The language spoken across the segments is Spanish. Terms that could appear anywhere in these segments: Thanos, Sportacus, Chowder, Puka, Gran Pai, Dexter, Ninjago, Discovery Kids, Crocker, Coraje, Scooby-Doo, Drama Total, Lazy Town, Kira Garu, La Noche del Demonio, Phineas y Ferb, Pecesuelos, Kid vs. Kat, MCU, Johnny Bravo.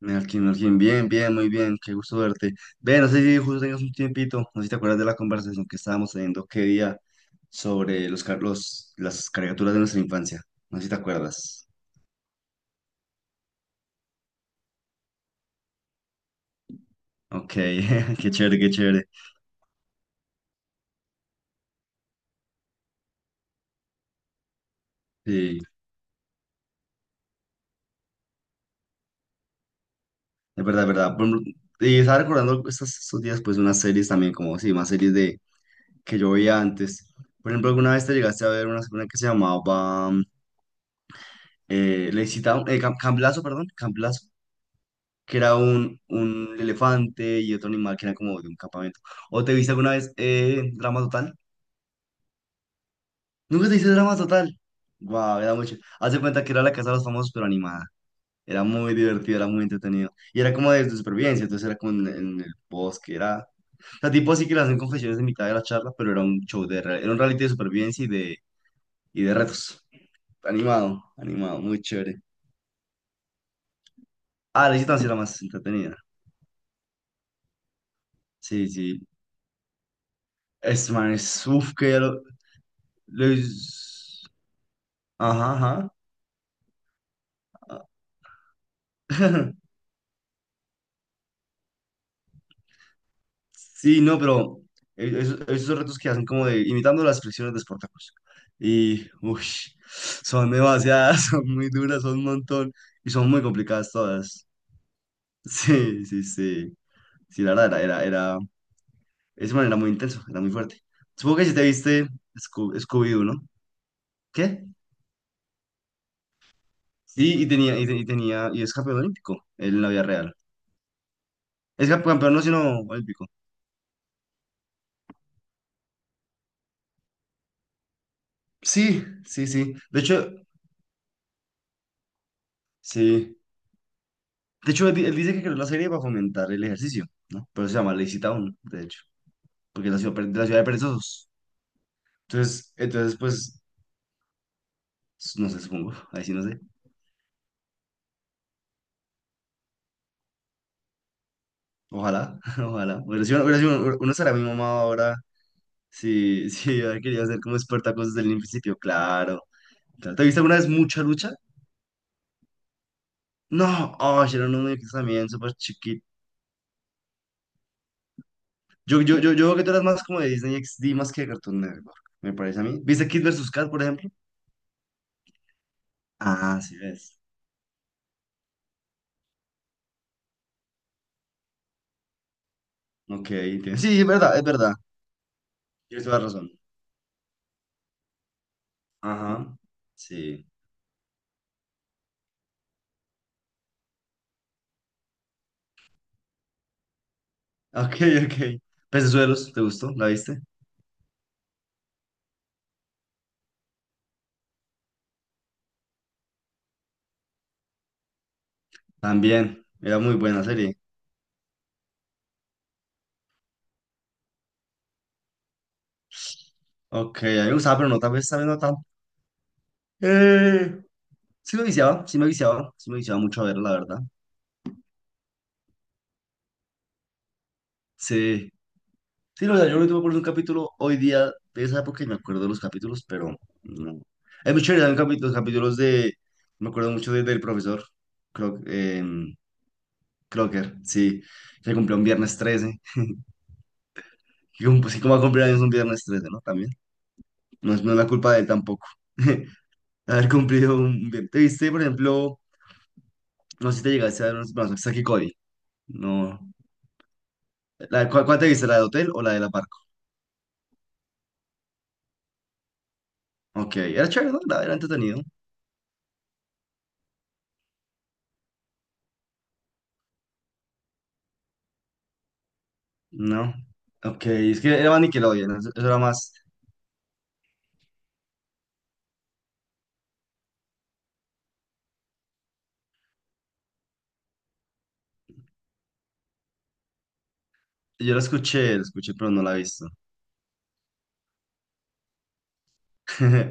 Melkin, Melkin, bien, bien, muy bien, qué gusto verte. Ve, no sé si justo tengas un tiempito, no sé si te acuerdas de la conversación que estábamos teniendo qué día sobre las caricaturas de nuestra infancia. No sé si te acuerdas. Ok, qué chévere, qué chévere. Sí, es verdad, es verdad. Por ejemplo, y estaba recordando estos días, pues, unas series también, como, sí, más series de que yo veía antes. Por ejemplo, alguna vez te llegaste a ver una que se llamaba Lazy Town, Camp Lazo, perdón, Camp Lazo. Que era un elefante y otro animal que era como de un campamento. ¿O te viste alguna vez Drama Total? Nunca te viste Drama Total. Guau, era mucho. Haz de cuenta que era la casa de los famosos, pero animada. Era muy divertido, era muy entretenido. Y era como de, supervivencia, entonces era como en el bosque, era. O sea, tipo así que le hacen confesiones en mitad de la charla, pero era un reality de supervivencia y de retos. Animado, animado, muy chévere. Ah, la visita sí era más entretenida. Sí, sí. Es man, es. Uf, que ya lo. Luis. Ajá, ajá. Sí, no, pero esos retos que hacen como de imitando las expresiones de Sportacus. Y, uy, son demasiadas, son muy duras, son un montón y son muy complicadas todas. Sí, sí, sí. Sí, la verdad, era, ese man era muy intenso, era muy fuerte. Supongo que si te viste Scooby-Doo, ¿no? ¿Qué? Sí, y tenía, y es campeón olímpico, él en la vida real. Es campeón no, sino olímpico. Sí, sí, sí. De hecho, sí. De hecho, él dice que creó la serie para fomentar el ejercicio, ¿no? Pero se llama Lazy Town, de hecho, porque es la ciudad de perezosos. Entonces, pues, no sé, supongo, ahí sí no sé. Ojalá, ojalá. Hubiera sido, uno será mi mamá ahora si, si hubiera querido hacer como Espartacus desde el principio, claro. Claro. ¿Te viste alguna vez mucha lucha? No, oh, era un muñeco también súper chiquito. Yo creo que tú eras más como de Disney XD más que de Cartoon Network, me parece a mí. ¿Viste Kid vs. Kat, por ejemplo? Ah, sí, ves. Ok, entiendo. Sí, es verdad, es verdad. Tienes toda la razón. Ajá, sí. Ok, ok. Pecesuelos, ¿te gustó? ¿La viste? También, era muy buena serie. Ok, a mí me gustaba, pero no, tal vez no tanto. Eh, sí me viciaba, sí me viciaba, sí me viciaba mucho a verla, la verdad. Sí, sí, no, o sea, yo me tuve por un capítulo hoy día de esa época y me acuerdo de los capítulos, pero no. Es muy chévere, también los capítulos de, me acuerdo mucho del profesor Cro- em, Crocker, sí, que cumplió un viernes 13. Y como, así como va a cumplir años un viernes 13, ¿no? También. No es la culpa de él tampoco. Haber cumplido un bien. ¿Te viste, por ejemplo, no sé si te llegaste a ver unos brazos Saki Cody? No. ¿Cuál te viste? ¿La de hotel o la de la barco? Ok, era chévere, ¿no? Era entretenido. No. Ok, es que era más Nickelodeon, eso era más. Yo la escuché, pero no la he visto. Me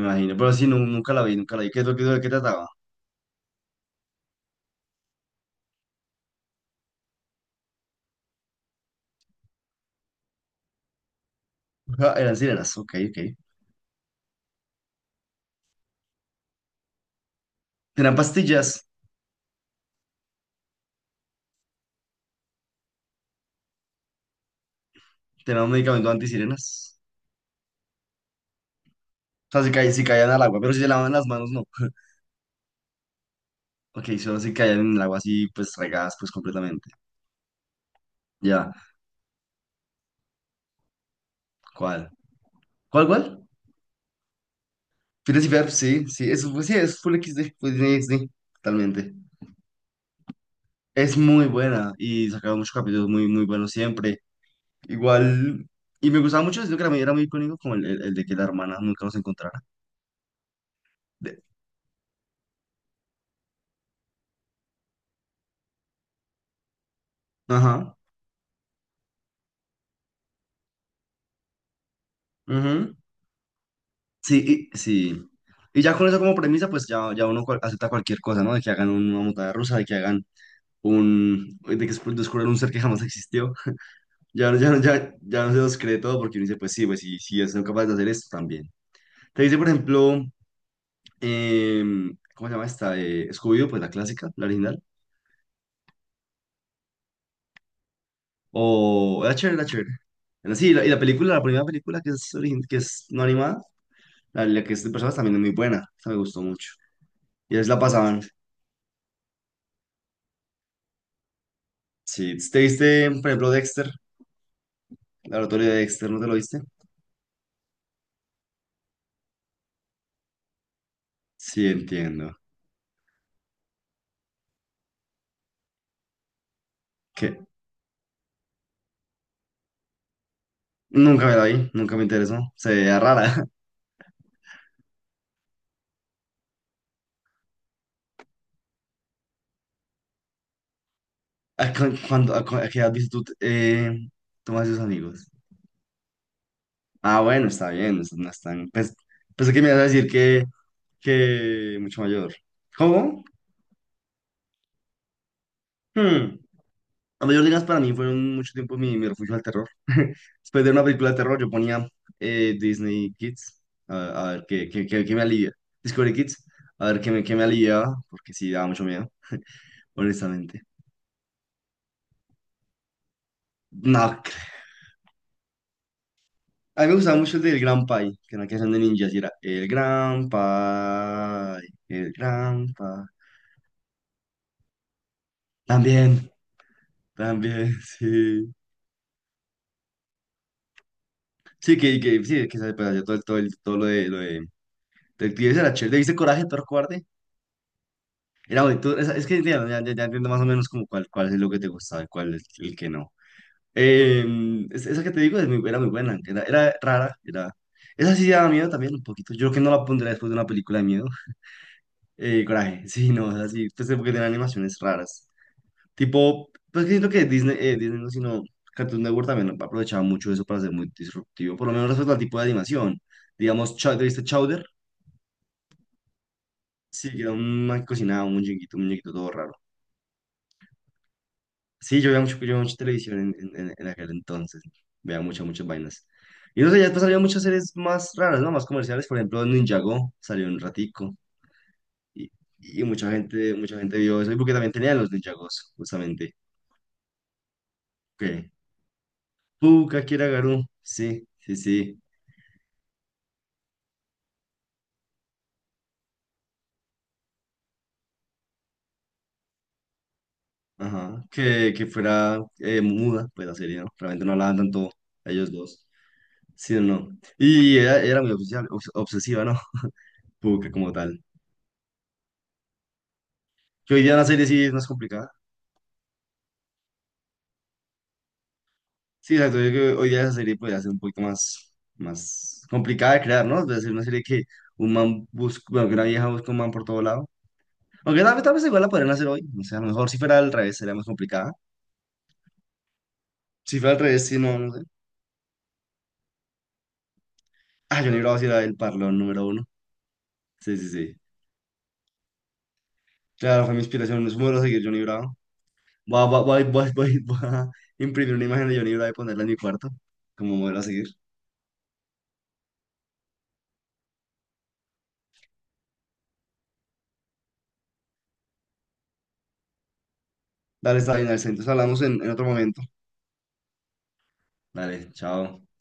imagino, pero sí, nunca la vi, nunca la vi. ¿Qué es de qué trataba? Ah, eran sirenas, ok, ok. Tenían pastillas, tenían un medicamento antisirenas. O sea, si caían al agua, pero si se lavaban las manos, no. Ok, solo se caían en el agua así, pues regadas, pues completamente. Ya, ¿cuál? ¿Cuál, cuál? Phineas y Ferb, sí, sí, eso pues, sí, es Full XD, Full Disney XD, totalmente. Es muy buena y sacaron muchos capítulos muy, muy buenos siempre. Igual, y me gustaba mucho, sino que la era muy icónico, como el de que la hermana nunca los encontrara. De- ajá, ujú, sí, y, sí. Y ya con eso como premisa, pues ya, ya uno acepta cualquier cosa, ¿no? De que hagan una montaña rusa, de que hagan un. De que descubran un ser que jamás existió. Ya, ya, ya no se los cree todo porque uno dice, pues sí, sí, son capaces de hacer esto también. Te dice, por ejemplo, ¿cómo se llama esta? Scooby-Doo, pues la clásica, la original. O la chévere, la chévere. Bueno, sí, y la película, la primera película que es no animada, la que es de personas también es muy buena, esa me gustó mucho. Y es la pasaban. Sí, ¿te viste, por ejemplo, Dexter? Laboratorio de Dexter, ¿no te lo viste? Sí, entiendo. Que nunca me la vi, nunca me interesó. Se veía rara. ¿A cu- cuándo- a cu- a qué edad viste tú, tú más tus amigos? Ah, bueno, está bien, no es tan. Pues, pensé que me ibas a decir que, mucho mayor. ¿Cómo? Hmm. La mayor digas para mí fueron mucho tiempo mi refugio al terror. Después de una película de terror yo ponía Disney Kids, a ver qué me alivia. Discovery Kids, a ver qué me aliviaba, porque sí, daba mucho miedo, honestamente. No, a mí me gustaba mucho el del Gran Pai, que era una canción de ninjas y era el Gran Pai, el Gran Pai. También, también, sí. Sí, sí, que se pues, hacía todo, todo, todo del tío ese era chévere. ¿Le viste Coraje, el perro cobarde? Era bonito. Es que ya entiendo más o menos como cuál es lo que te gustaba y cuál es el que no. Esa que te digo es muy- era muy buena, era rara, era. Esa sí daba miedo también un poquito. Yo creo que no la pondría después de una película de miedo. Coraje, sí, no, es así, pues porque tiene animaciones raras. Tipo, pues que siento que Disney, Disney no, sino Cartoon Network también aprovechaba mucho eso para ser muy disruptivo, por lo menos respecto al tipo de animación. Digamos, ¿te viste Chowder? Sí, que era un man que cocinaba, un muñequito todo raro. Sí, yo veía mucho, yo veía mucha televisión en aquel entonces, veía muchas, muchas vainas. Y no sé, ya después salió muchas series más raras, ¿no? Más comerciales, por ejemplo, Ninjago salió un ratico y, y mucha gente vio eso, y porque también tenían los Ninjagos, justamente. Que Puka, Kira Garu, sí, sí, sí. Ajá, que fuera muda, pues la serie, ¿no? Realmente no hablaban tanto ellos dos, sí o no. Y era muy obsesiva, obsesiva, ¿no? Puca como tal. Que hoy día la serie sí es más complicada. Sí, exacto, yo creo que hoy día esa serie podría ser un poquito más complicada de crear, ¿no? Debe ser una serie que un man busca, bueno, que una vieja busca un man por todo lado. Aunque tal vez igual la podrían hacer hoy, o sea, a lo mejor si fuera al revés sería más complicada. Si fuera al revés, sí, no, no sé. Ah, Johnny Bravo sí era el parlón número uno. Sí, sí, sí. Claro, fue mi inspiración. Es un modelo duro seguir Johnny Bravo. Voy a imprimir una imagen de Johnny Bravo y ponerla en mi cuarto como modelo a seguir. Dale, está bien, Alexis. Entonces hablamos en otro momento. Dale, chao.